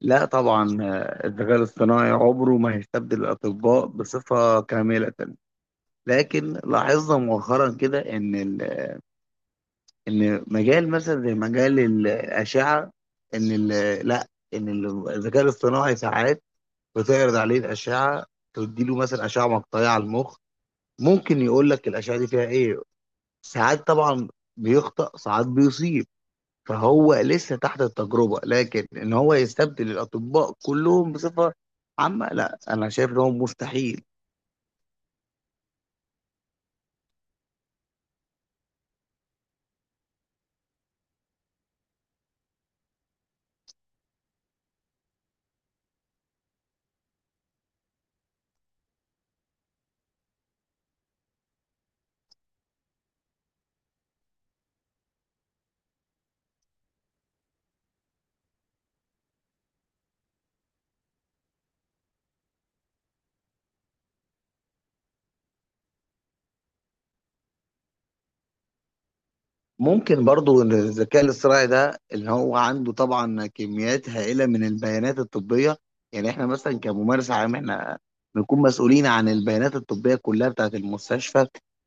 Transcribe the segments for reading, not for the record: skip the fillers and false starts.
لا طبعا آه، الذكاء الاصطناعي عمره ما هيستبدل الأطباء بصفة كاملة. لكن لاحظنا مؤخرا كده إن مجال مثلا زي مجال الأشعة، إن ال- لا إن الذكاء الاصطناعي ساعات بتعرض عليه الأشعة، تديله مثلا أشعة مقطعية على المخ، ممكن يقول لك الأشعة دي فيها إيه. ساعات طبعا بيخطأ، ساعات بيصيب. فهو لسه تحت التجربة، لكن ان هو يستبدل الاطباء كلهم بصفة عامة، لا انا شايف ان هو مستحيل. ممكن برضو ان الذكاء الاصطناعي ده اللي هو عنده طبعا كميات هائلة من البيانات الطبية. يعني احنا مثلا كممارس عام، احنا بنكون مسؤولين عن البيانات الطبية كلها بتاعت المستشفى،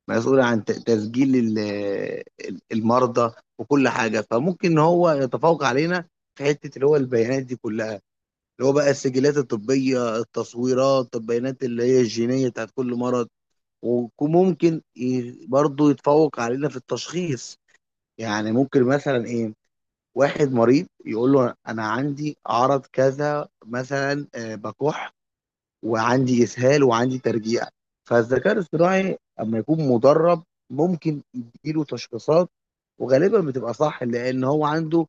مسؤول عن تسجيل المرضى وكل حاجة. فممكن ان هو يتفوق علينا في حتة اللي هو البيانات دي كلها، اللي هو بقى السجلات الطبية، التصويرات، البيانات اللي هي الجينية بتاعت كل مرض. وممكن برضه يتفوق علينا في التشخيص. يعني ممكن مثلا ايه، واحد مريض يقول له انا عندي عرض كذا، مثلا آه، بكح وعندي اسهال وعندي ترجيع. فالذكاء الاصطناعي اما يكون مدرب، ممكن يديله تشخيصات وغالبا بتبقى صح، لان هو عنده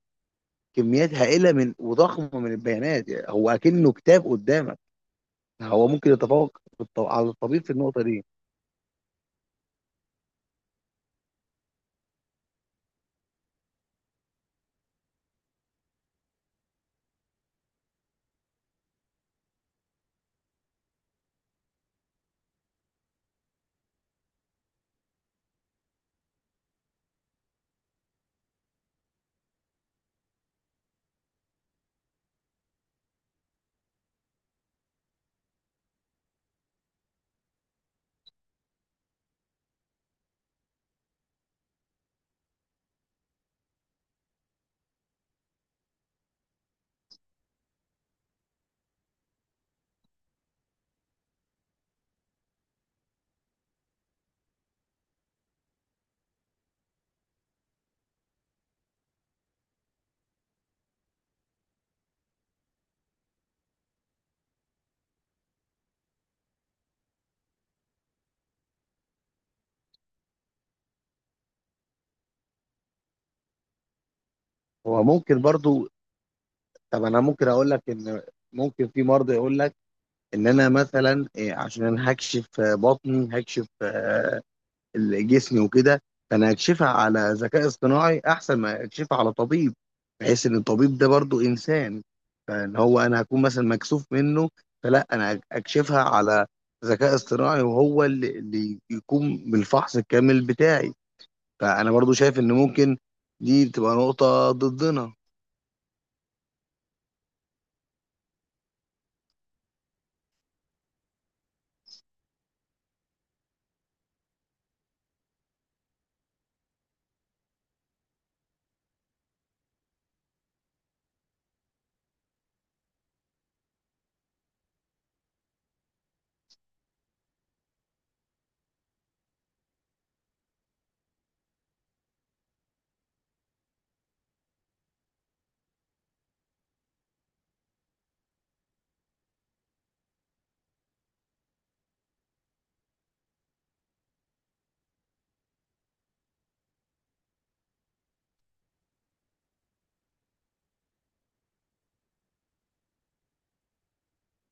كميات هائله من وضخمه من البيانات. يعني هو اكنه كتاب قدامك. نعم. هو ممكن يتفوق على الطبيب في النقطه دي. هو ممكن برضو. طب انا ممكن اقول لك ان ممكن في مرضى يقول لك ان انا مثلا إيه، عشان هكشف آه، بطني، هكشف آه، جسمي وكده. فانا هكشفها على ذكاء اصطناعي احسن ما اكشفها على طبيب، بحيث ان الطبيب ده برضو انسان، فان هو انا هكون مثلا مكسوف منه. فلا، انا اكشفها على ذكاء اصطناعي وهو اللي يقوم بالفحص الكامل بتاعي. فانا برضو شايف ان ممكن دي تبقى نقطة ضدنا.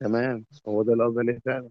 تمام، هو ده اللي قصدي عليه فعلا.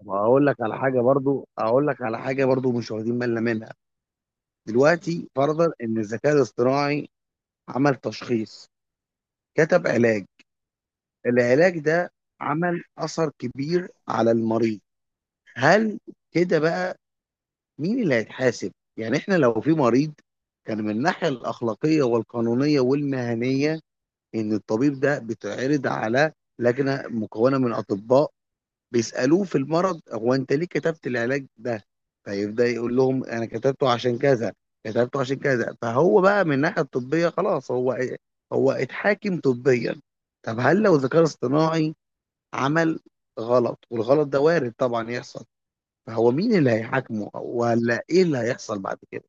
طب هقول لك على حاجة برضو، اقول لك على حاجة برضو مش واخدين بالنا منها. دلوقتي فرضا ان الذكاء الاصطناعي عمل تشخيص، كتب علاج، العلاج ده عمل اثر كبير على المريض. هل كده بقى مين اللي هيتحاسب؟ يعني احنا لو في مريض، كان من الناحية الأخلاقية والقانونية والمهنية ان الطبيب ده بيتعرض على لجنه مكونه من اطباء، بيسالوه في المرض، هو انت ليه كتبت العلاج ده؟ فيبدا يقول لهم انا كتبته عشان كذا، كتبته عشان كذا. فهو بقى من الناحيه الطبيه خلاص هو إيه؟ هو اتحاكم طبيا. طب هل لو ذكاء اصطناعي عمل غلط، والغلط ده وارد طبعا يحصل، فهو مين اللي هيحاكمه، ولا ايه اللي هيحصل بعد كده؟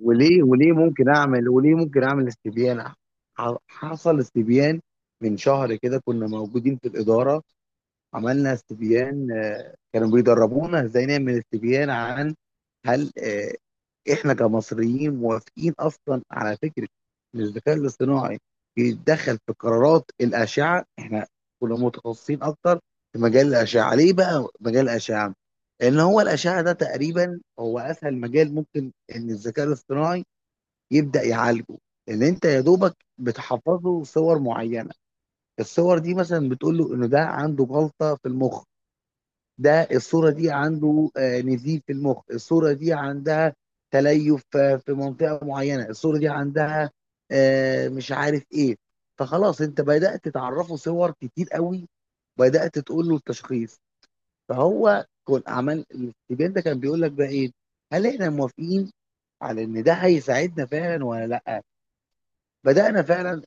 وليه ممكن اعمل استبيان. حصل استبيان من شهر كده، كنا موجودين في الإدارة. عملنا استبيان، آه، كانوا بيدربونا ازاي نعمل استبيان عن هل آه، احنا كمصريين موافقين اصلا على فكرة ان الذكاء الاصطناعي يتدخل في قرارات الأشعة. احنا كنا متخصصين اكتر في مجال الأشعة. ليه بقى مجال الأشعة؟ لأن هو الأشعة ده تقريبا هو أسهل مجال ممكن إن الذكاء الاصطناعي يبدأ يعالجه. لان انت يا دوبك بتحفظ له صور معينه، الصور دي مثلا بتقول له انه ده عنده جلطه في المخ، ده الصوره دي عنده آه، نزيف في المخ، الصوره دي عندها تليف آه، في منطقه معينه، الصوره دي عندها آه، مش عارف ايه. فخلاص انت بدأت تعرفه صور كتير قوي، بدأت تقول له التشخيص. فهو كان عمل الاستبيان ده كان بيقول لك بقى ايه، هل احنا موافقين على ان ده هيساعدنا فعلا ولا لا. بدأنا فعلا،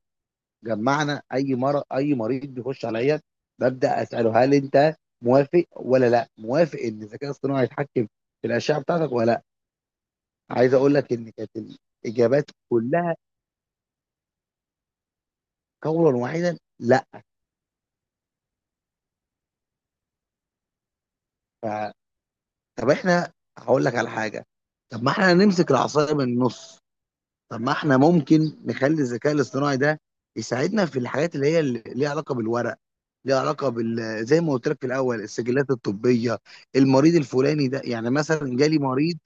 جمعنا اي مريض بيخش عليا، ببدا اساله هل انت موافق ولا لا موافق ان الذكاء الاصطناعي يتحكم في الاشعه بتاعتك ولا لا. عايز اقول لك ان كانت الاجابات كلها قولا واحدا لا. ف... طب احنا هقول لك على حاجه. طب ما احنا نمسك العصايه من النص. طب ما احنا ممكن نخلي الذكاء الاصطناعي ده يساعدنا في الحاجات اللي هي اللي ليها علاقه بالورق، ليها علاقه بال، زي ما قلت لك في الاول، السجلات الطبيه. المريض الفلاني ده، يعني مثلا جالي مريض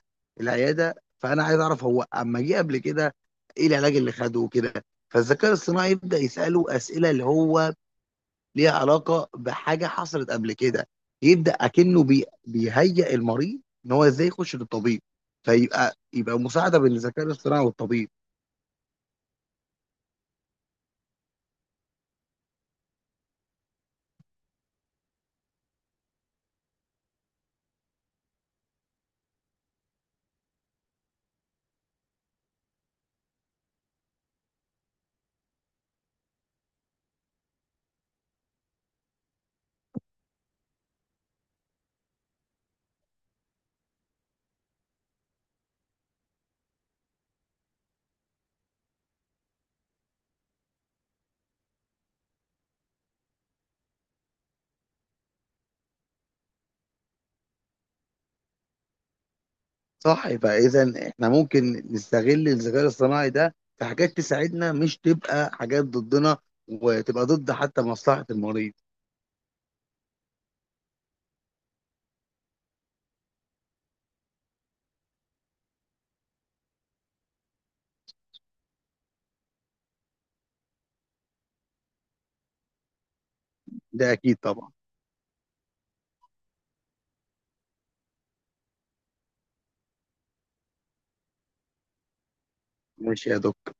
العياده، فانا عايز اعرف هو اما جه قبل كده ايه العلاج اللي خده وكده. فالذكاء الاصطناعي يبدا يساله اسئله اللي هو ليها علاقه بحاجه حصلت قبل كده، يبدا اكنه بي... بيهيئ المريض ان هو ازاي يخش للطبيب. فيبقى مساعده بين الذكاء الاصطناعي والطبيب. صح، يبقى اذا احنا ممكن نستغل الذكاء الاصطناعي ده في حاجات تساعدنا، مش تبقى حاجات ضدنا وتبقى ضد حتى مصلحة المريض. ده اكيد طبعا. ماشي يا دكتور.